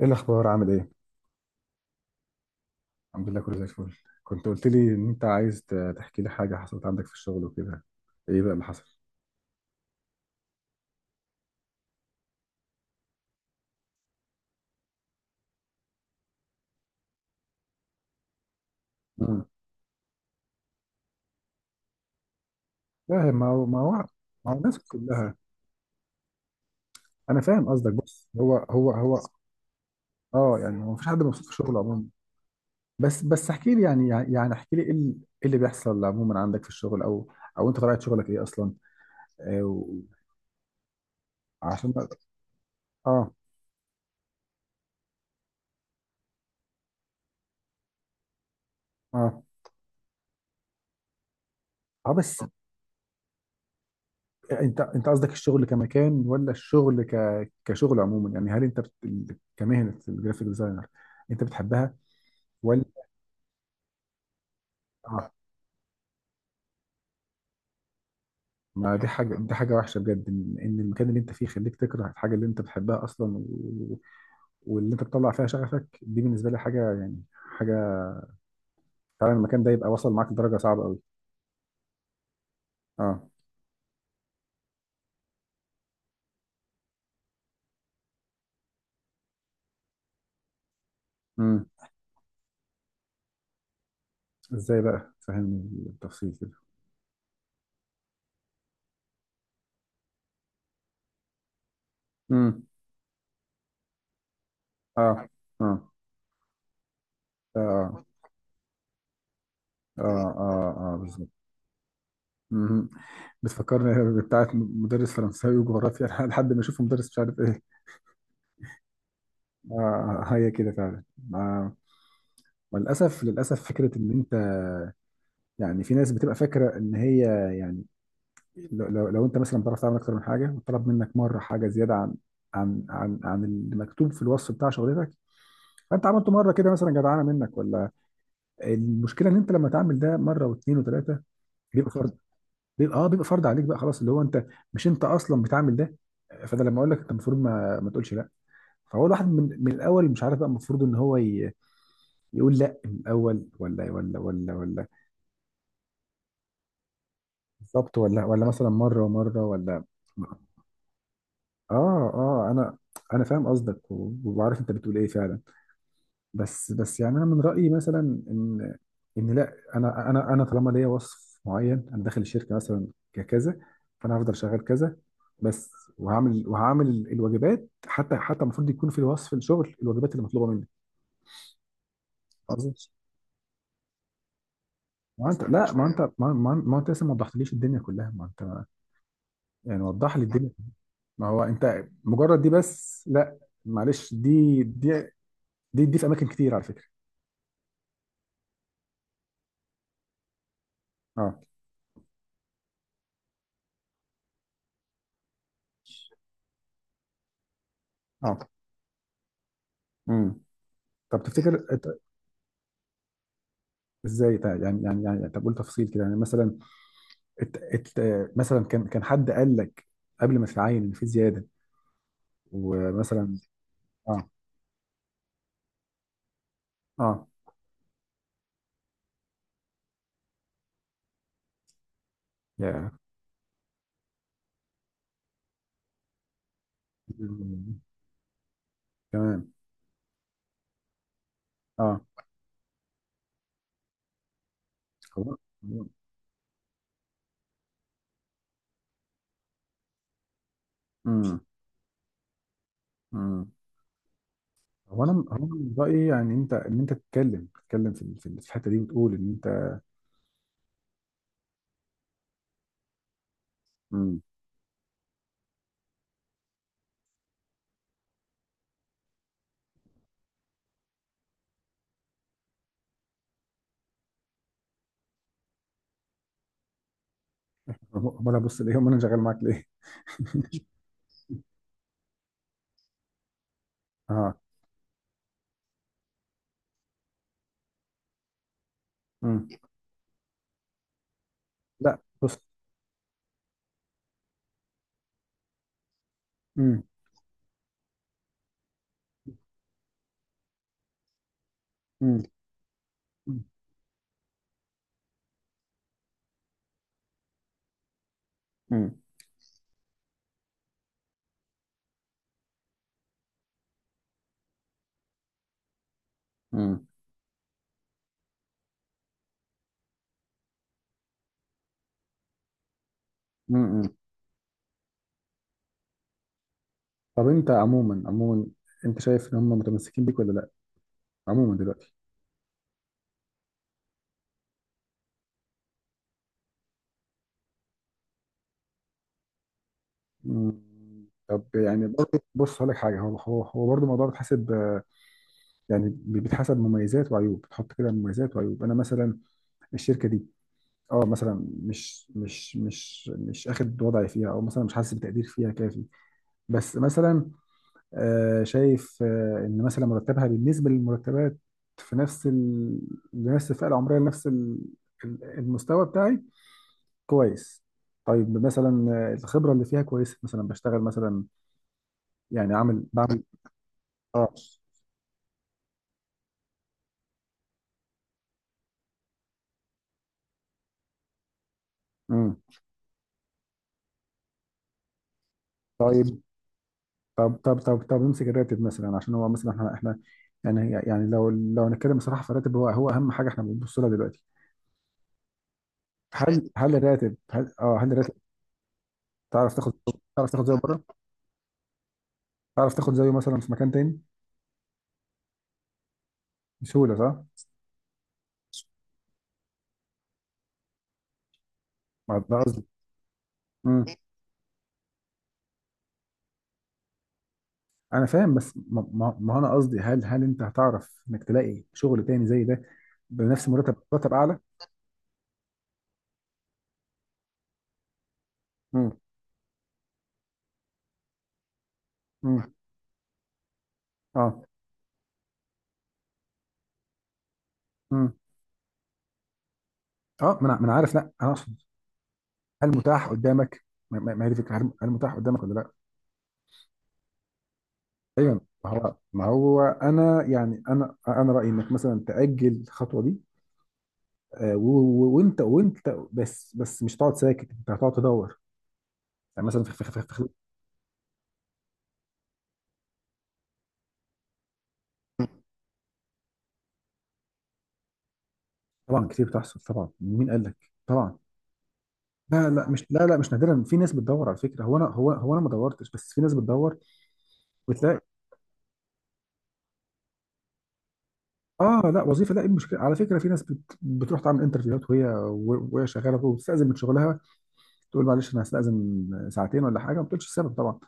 ايه الاخبار؟ عامل ايه؟ الحمد لله، كله زي الفل. كنت قلت لي ان انت عايز تحكي لي حاجه حصلت عندك في الشغل وكده. ايه بقى اللي حصل؟ مم. لا، ما هو الناس كلها. انا فاهم قصدك، بص، هو اه، يعني هو مفيش حد مبسوط في شغله عموما. بس احكي لي، يعني احكي لي ايه إيه اللي بيحصل عموما عندك في الشغل، او او انت طبيعه شغلك ايه اصلا؟ آه، و- عشان اه. اه. اه بس، انت قصدك الشغل كمكان، ولا الشغل كشغل عموما؟ يعني هل كمهنه الجرافيك ديزاينر انت بتحبها، ولا؟ اه. ما دي حاجه، دي حاجه وحشه بجد، ان إن المكان اللي انت فيه يخليك تكره الحاجه اللي انت بتحبها اصلا واللي انت بتطلع فيها شغفك. دي بالنسبه لي حاجه، يعني حاجه. فعلا المكان ده يبقى وصل معاك لدرجه صعبه قوي. اه. امم. ازاي بقى؟ فهمني بالتفصيل كده. امم. اه. اه. اه. اه. آه. بالظبط. مهم. بتفكرني بتاعت مدرس فرنساوي وجغرافيا لحد ما اشوف مدرس مش عارف ايه. آه، هي كده فعلا. آه. وللاسف للاسف، فكره ان انت، يعني في ناس بتبقى فاكره ان هي، يعني لو انت مثلا بتعرف تعمل اكتر من حاجه، وطلب منك مره حاجه زياده عن عن اللي مكتوب في الوصف بتاع شغلتك، فانت عملته مره كده، مثلا جدعانه منك ولا. المشكله ان انت لما تعمل ده مره واثنين وثلاثه، بيبقى بيبقى اه، بيبقى فرض عليك بقى، خلاص اللي هو انت مش انت اصلا بتعمل ده. فانا لما اقول لك انت المفروض ما تقولش لا. فهو الواحد من الاول مش عارف بقى المفروض ان هو يقول لا من الاول، ولا. بالظبط. ولا ولا مثلا مره ومره، ولا. اه. انا، انا فاهم قصدك، وبعرف انت بتقول ايه فعلا. بس يعني انا من رايي مثلا ان ان لا، انا طالما ليا وصف معين، انا داخل الشركه مثلا ككذا، فانا هفضل شغال كذا بس. وهعمل وهعمل الواجبات، حتى حتى المفروض يكون في وصف الشغل الواجبات اللي مطلوبه منك. قصدي، ما انت لا، ما انت ما انت لسه ما وضحتليش الدنيا كلها. ما انت يعني وضح لي الدنيا. ما هو انت مجرد دي بس، لا. معلش، دي في اماكن كتير على فكره. اه. اه. امم. طب تفتكر ازاي يعني، طب قول تفصيل كده، يعني مثلا ات ات مثلا كان حد قال لك قبل ما تتعين ان في زياده، ومثلا اه. اه. يا. تمام. اه. هو. امم. امم. هو انا هو أنا من رايي يعني انت، ان انت تتكلم، تتكلم في في الحته دي، وتقول ان انت. امم. امال أنا بص ليه؟ امال انا شغال معاك ليه؟ اه. امم. لا بص. امم. امم. امم. امم. طب انت عموما، عموما انت شايف ان هم متمسكين بيك ولا لا؟ عموما دلوقتي. مم. طب يعني برضه بص هقول لك حاجه، هو برضه الموضوع بيتحسب آه، يعني بيتحسب مميزات وعيوب، بتحط كده مميزات وعيوب. انا مثلا الشركه دي، اه مثلا مش اخد وضعي فيها، او مثلا مش حاسس بتقدير فيها كافي. بس مثلا آه، شايف آه، ان مثلا مرتبها بالنسبه للمرتبات في نفس لنفس الفئه العمريه، لنفس المستوى بتاعي، كويس. طيب مثلا آه، الخبرة اللي فيها كويسة، مثلا بشتغل مثلا يعني عامل بعمل. اه. امم. طيب. طب نمسك الراتب مثلا، عشان هو مثلا احنا يعني يعني لو هنتكلم بصراحة، فالراتب هو أهم حاجة احنا بنبص لها دلوقتي. هل الراتب تعرف تاخد، تعرف تاخد زيه بره؟ تعرف تاخد زيه مثلا في مكان تاني بسهولة، صح؟ ما ده قصدي. امم. أنا فاهم، بس ما أنا قصدي هل أنت هتعرف إنك تلاقي شغل تاني زي ده بنفس مرتب أعلى؟ مم. اه. مم. اه، ما أنا عارف. لا انا اقصد هل متاح قدامك. ما هي دي الفكره، هل متاح قدامك ولا لا؟ ايوه. ما هو انا يعني انا رايي انك مثلا تاجل الخطوه دي، آه، و- وانت بس مش هتقعد ساكت، انت هتقعد تدور يعني مثلا في في. طبعا كتير بتحصل، طبعا مين قال لك؟ طبعا. لا لا مش لا لا مش نادرا، في ناس بتدور على فكره. هو انا، هو انا ما دورتش، بس في ناس بتدور وتلاقي. اه لا، وظيفه، لا. ايه المشكله؟ على فكره في ناس بتروح تعمل انترفيوهات وهي وهي شغاله، وبتستاذن من شغلها، تقول معلش انا هستاذن ساعتين ولا حاجه، ما بتقولش السبب طبعا،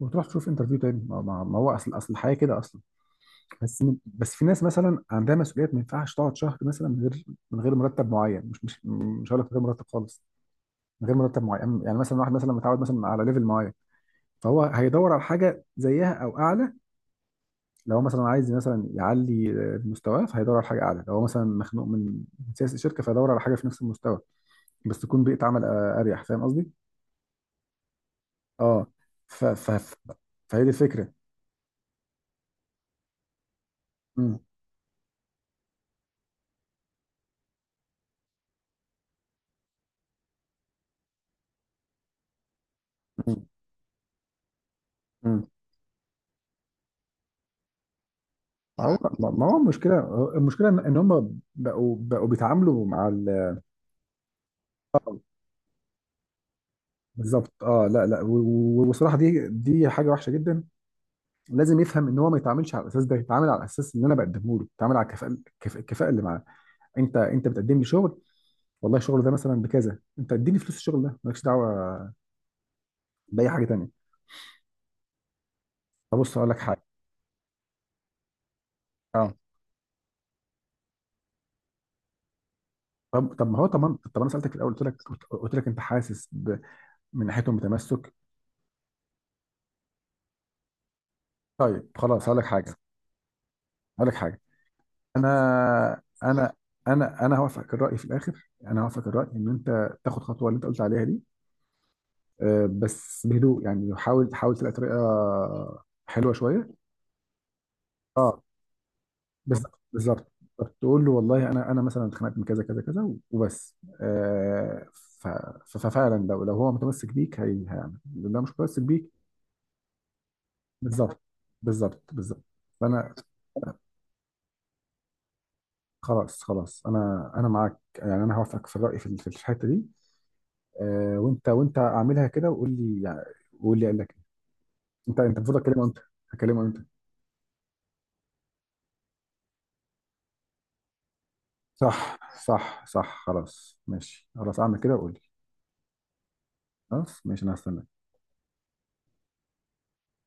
وتروح تشوف انترفيو تاني. ما هو اصل الحياه كده اصلا. بس في ناس مثلا عندها مسؤوليات، ما ينفعش تقعد شهر مثلا من غير، من غير مرتب معين. مش هقول لك من غير مرتب خالص، من غير مرتب معين. يعني مثلا واحد مثلا متعود مثلا على ليفل معين، فهو هيدور على حاجه زيها او اعلى. لو مثلا عايز مثلا يعلي مستواه، فهيدور على حاجه اعلى. لو هو مثلا مخنوق من من سياسه الشركه، فهيدور على حاجه في نفس المستوى، بس تكون بيئه عمل آه، اريح. فاهم قصدي؟ اه. ف ف ف- فهي دي الفكره. مم. مم. مم. ما هو، ما هو المشكله، المشكله ان إن هم بقوا بيتعاملوا مع بالظبط. اه لا لا، والصراحه دي دي حاجه وحشه جدا. لازم يفهم ان هو ما يتعاملش على الاساس ده، يتعامل على الاساس اللي انا بقدمه له، يتعامل على الكفاءه الكفاءه اللي معاه. انت بتقدم لي شغل، والله الشغل ده مثلا بكذا، انت اديني فلوس الشغل ده، مالكش دعوه باي حاجه تانيه. طب بص اقول لك حاجه. اه. طب طب ما هو طب ما طب انا سالتك في الاول، قلت لك، قلت لك انت حاسس من ناحيتهم بتمسك؟ طيب خلاص هقول لك حاجه، هقول لك حاجه. انا انا انا هوافقك الراي في الاخر، انا هوافقك الراي ان انت تاخد خطوه اللي انت قلت عليها دي، آه، بس بهدوء. يعني حاول حاول تلاقي طريقه حلوه شويه. اه. بس- بالظبط. بالظبط. تقول له والله انا، انا مثلا اتخانقت من كذا كذا كذا وبس. آه ففعلا، لو هو متمسك بيك هي هيعمل، لو مش متمسك بيك. بالظبط. بالظبط. فانا. خلاص خلاص، انا معاك. يعني انا هوافقك في الراي في في الحته دي. آه، وانت اعملها كده وقول لي، يعني وقول لي قال لك إيه. انت المفروض اكلمه انت، هكلمه انت؟ صح. صح. خلاص ماشي، خلاص اعمل كده وقول لي. خلاص ماشي، انا هستنى.